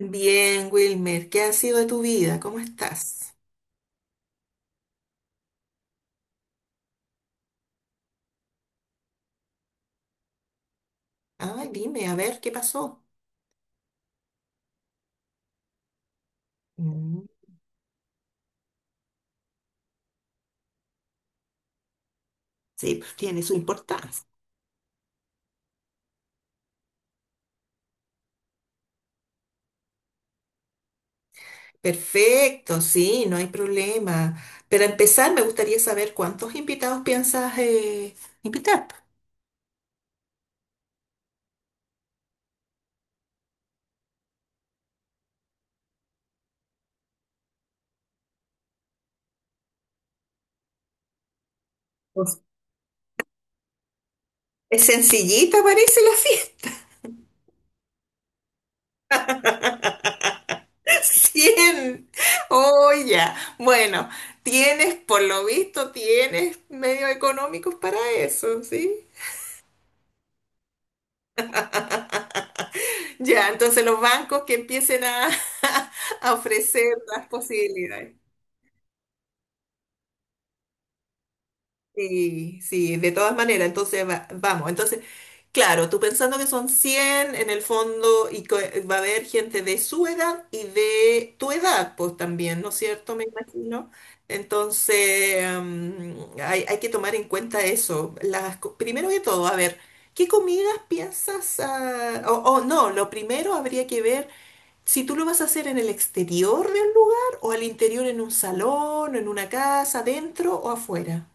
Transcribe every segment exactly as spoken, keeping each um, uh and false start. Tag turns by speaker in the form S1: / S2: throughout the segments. S1: Bien, Wilmer, ¿qué ha sido de tu vida? ¿Cómo estás? Ah, dime, a ver, ¿qué pasó? Mm. Sí, pues tiene su importancia. Perfecto, sí, no hay problema. Pero empezar, me gustaría saber cuántos invitados piensas eh, invitar. Pues, es sencillita, parece la fiesta. cien. Oh, ya. Bueno, tienes, por lo visto, tienes medios económicos para eso, ¿sí? Ya, entonces los bancos que empiecen a, a ofrecer las posibilidades. Sí, sí, de todas maneras, entonces va- vamos, entonces, claro, tú pensando que son cien en el fondo y que va a haber gente de su edad y de tu edad, pues también, ¿no es cierto? Me imagino. Entonces, mm, hay, hay que tomar en cuenta eso. Las, co- primero que todo, a ver, ¿qué comidas piensas? Ah, o o no, lo primero habría que ver. Si tú lo vas a hacer en el exterior de un lugar o al interior en un salón, en una casa, adentro o afuera.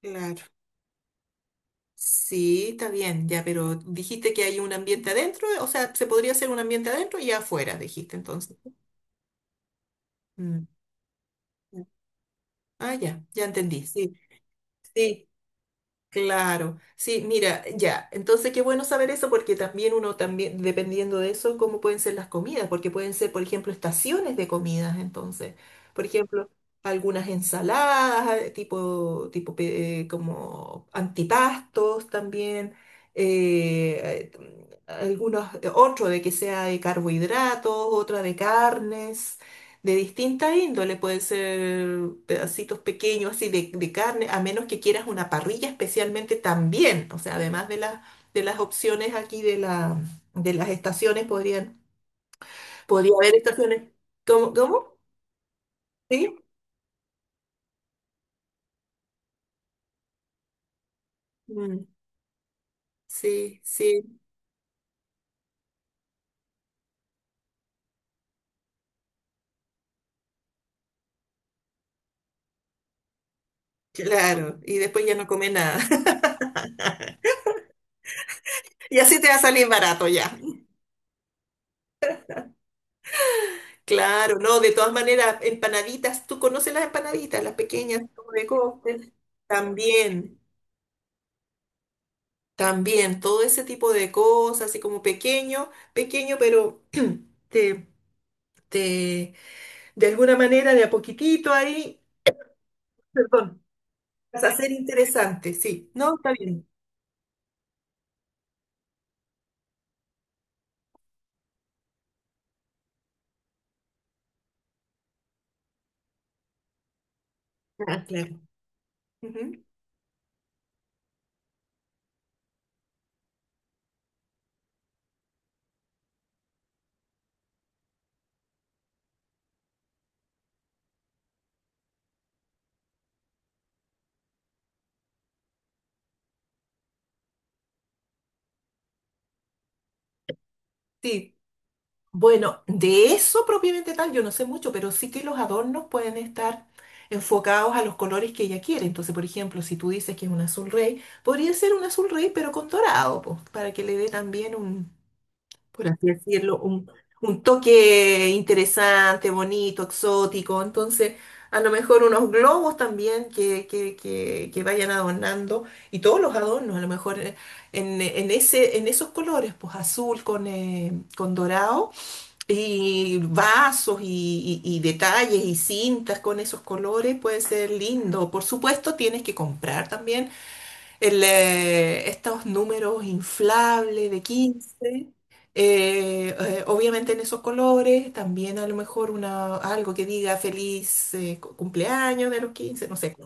S1: Claro. Sí, está bien, ya, pero dijiste que hay un ambiente adentro, o sea, se podría hacer un ambiente adentro y afuera, dijiste entonces. Mm. Ah, ya, ya entendí, sí. Sí, claro, sí, mira, ya. Entonces, qué bueno saber eso porque también uno también, dependiendo de eso, cómo pueden ser las comidas, porque pueden ser, por ejemplo, estaciones de comidas, entonces. Por ejemplo, algunas ensaladas, eh, tipo, tipo pe- eh, como antipastos también, eh, eh, algunos, eh, otro de que sea de carbohidratos, otra de carnes. De distinta índole, pueden ser pedacitos pequeños así de, de carne, a menos que quieras una parrilla especialmente también. O sea, además de, las de las opciones aquí de, la, de las estaciones, podrían, podría haber estaciones. ¿Cómo? ¿Cómo? ¿Sí? Mm, sí, sí, claro. Y después ya no come nada. Y así te va a salir barato ya. Claro, no, de todas maneras, empanaditas, tú conoces las empanaditas, las pequeñas como de cóctel, también. También todo ese tipo de cosas, así como pequeño, pequeño, pero te, te- de alguna manera, de a poquitito ahí, perdón, vas a ser interesante, sí, ¿no? Está bien. Ah, claro. Ujú. Sí. Bueno, de eso propiamente tal, yo no sé mucho, pero sí que los adornos pueden estar enfocados a los colores que ella quiere. Entonces, por ejemplo, si tú dices que es un azul rey, podría ser un azul rey, pero con dorado, pues, para que le dé también un, por así decirlo, un, un toque interesante, bonito, exótico. Entonces, a lo mejor unos globos también que, que, que, que vayan adornando y todos los adornos, a lo mejor eh, en, en ese, en esos colores, pues azul con, eh, con dorado y vasos y, y- y detalles y cintas con esos colores puede ser lindo. Por supuesto, tienes que comprar también el, eh, estos números inflables de quince eh, eh, obviamente en esos colores, también a lo mejor una, algo que diga feliz eh, cu- cumpleaños de los quince, no sé.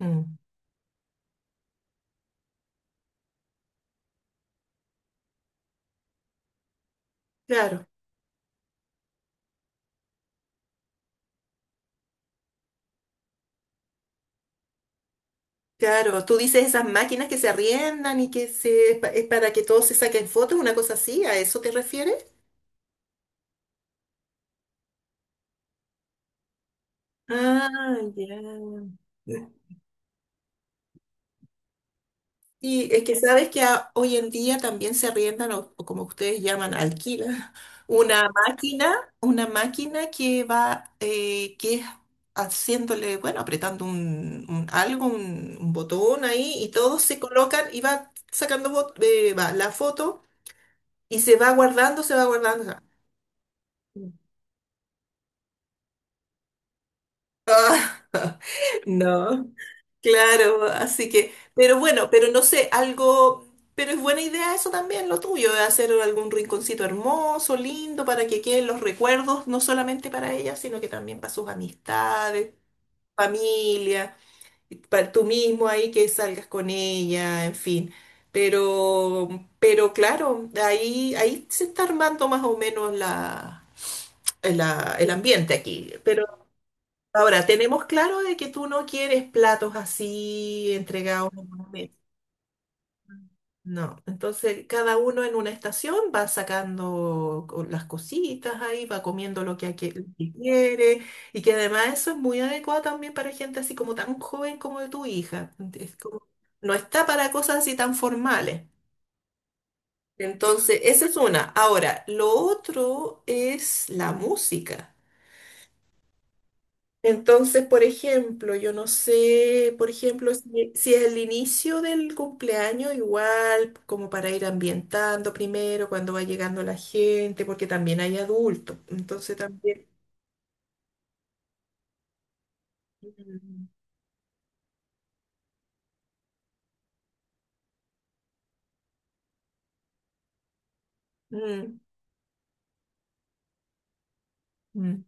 S1: Mm. Claro, claro, tú dices esas máquinas que se arriendan y que se, es pa- es para que todos se saquen fotos, una cosa así, ¿a eso te refieres? Ah, ya. Y es que sabes que a- hoy en día también se arriendan, o, o como ustedes llaman, alquilan, una máquina, una máquina que va, eh, que es haciéndole, bueno, apretando un, un algo, un, un botón ahí, y todos se colocan y va sacando bot- eh, va, la foto, y se va guardando, se va guardando. No. Claro, así que, pero bueno, pero no sé, algo, pero es buena idea eso también, lo tuyo, de hacer algún rinconcito hermoso, lindo, para que queden los recuerdos, no solamente para ella, sino que también para sus amistades, familia, y para tú mismo ahí que salgas con ella, en fin. Pero, pero claro, ahí, ahí se está armando más o menos la, la- el ambiente aquí. Ahora, tenemos claro de que tú no quieres platos así entregados en una mesa. No, entonces cada uno en una estación va sacando co- las cositas ahí, va comiendo lo que, aquí- lo que quiere y que además eso es muy adecuado también para gente así como tan joven como de tu hija. Es como- no está para cosas así tan formales. Entonces, esa es una. Ahora, lo otro es la música. Entonces, por ejemplo, yo no sé, por ejemplo, si, si es el inicio del cumpleaños, igual, como para ir ambientando primero, cuando va llegando la gente, porque también hay adultos. Entonces también. Mm, mm, mm.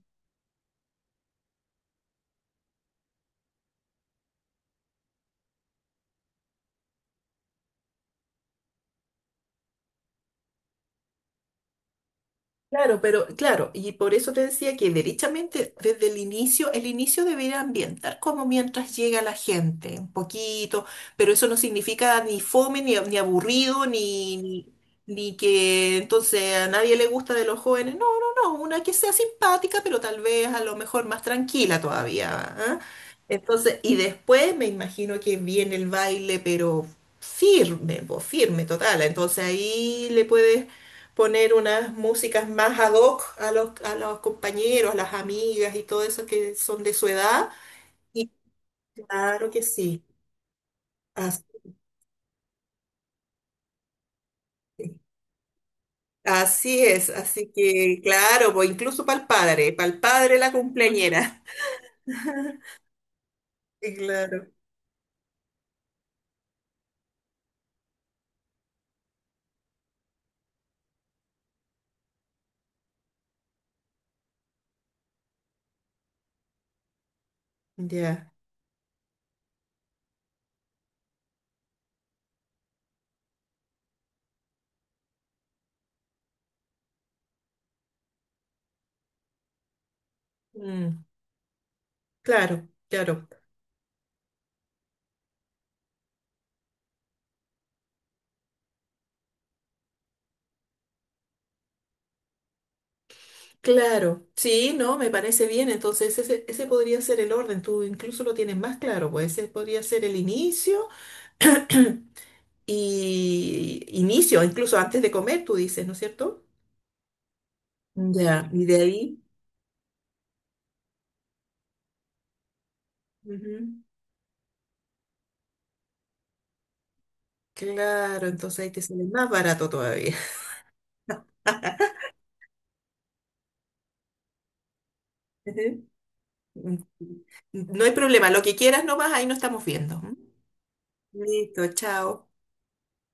S1: Claro, pero claro, y por eso te decía que derechamente desde el inicio, el inicio debería ambientar como mientras llega la gente, un poquito, pero eso no significa ni fome, ni, ni aburrido, ni, ni, ni que entonces a nadie le gusta de los jóvenes. No, no, no, una que sea simpática, pero tal vez a lo mejor más tranquila todavía, ¿ah? Entonces, y después me imagino que viene el baile, pero firme, pues, firme, total. Entonces ahí le puedes poner unas músicas más ad hoc a los, a los compañeros, a las amigas y todo eso que son de su edad. Y claro que sí. Así, es, así es. Así que, claro, pues incluso para el padre, para el padre la cumpleañera. Sí, claro. Ya. Mm, claro, claro. Claro. Sí, no, me parece bien. Entonces, ese, ese podría ser el orden. Tú incluso lo tienes más claro, pues ese podría ser el inicio. Y inicio, incluso antes de comer, tú dices, ¿no es cierto? Ya. Y de ahí, ujú. Claro, entonces ahí te sale más barato todavía. Ujú. No hay problema, lo que quieras nomás, ahí no estamos viendo. ¿M? Listo, chao.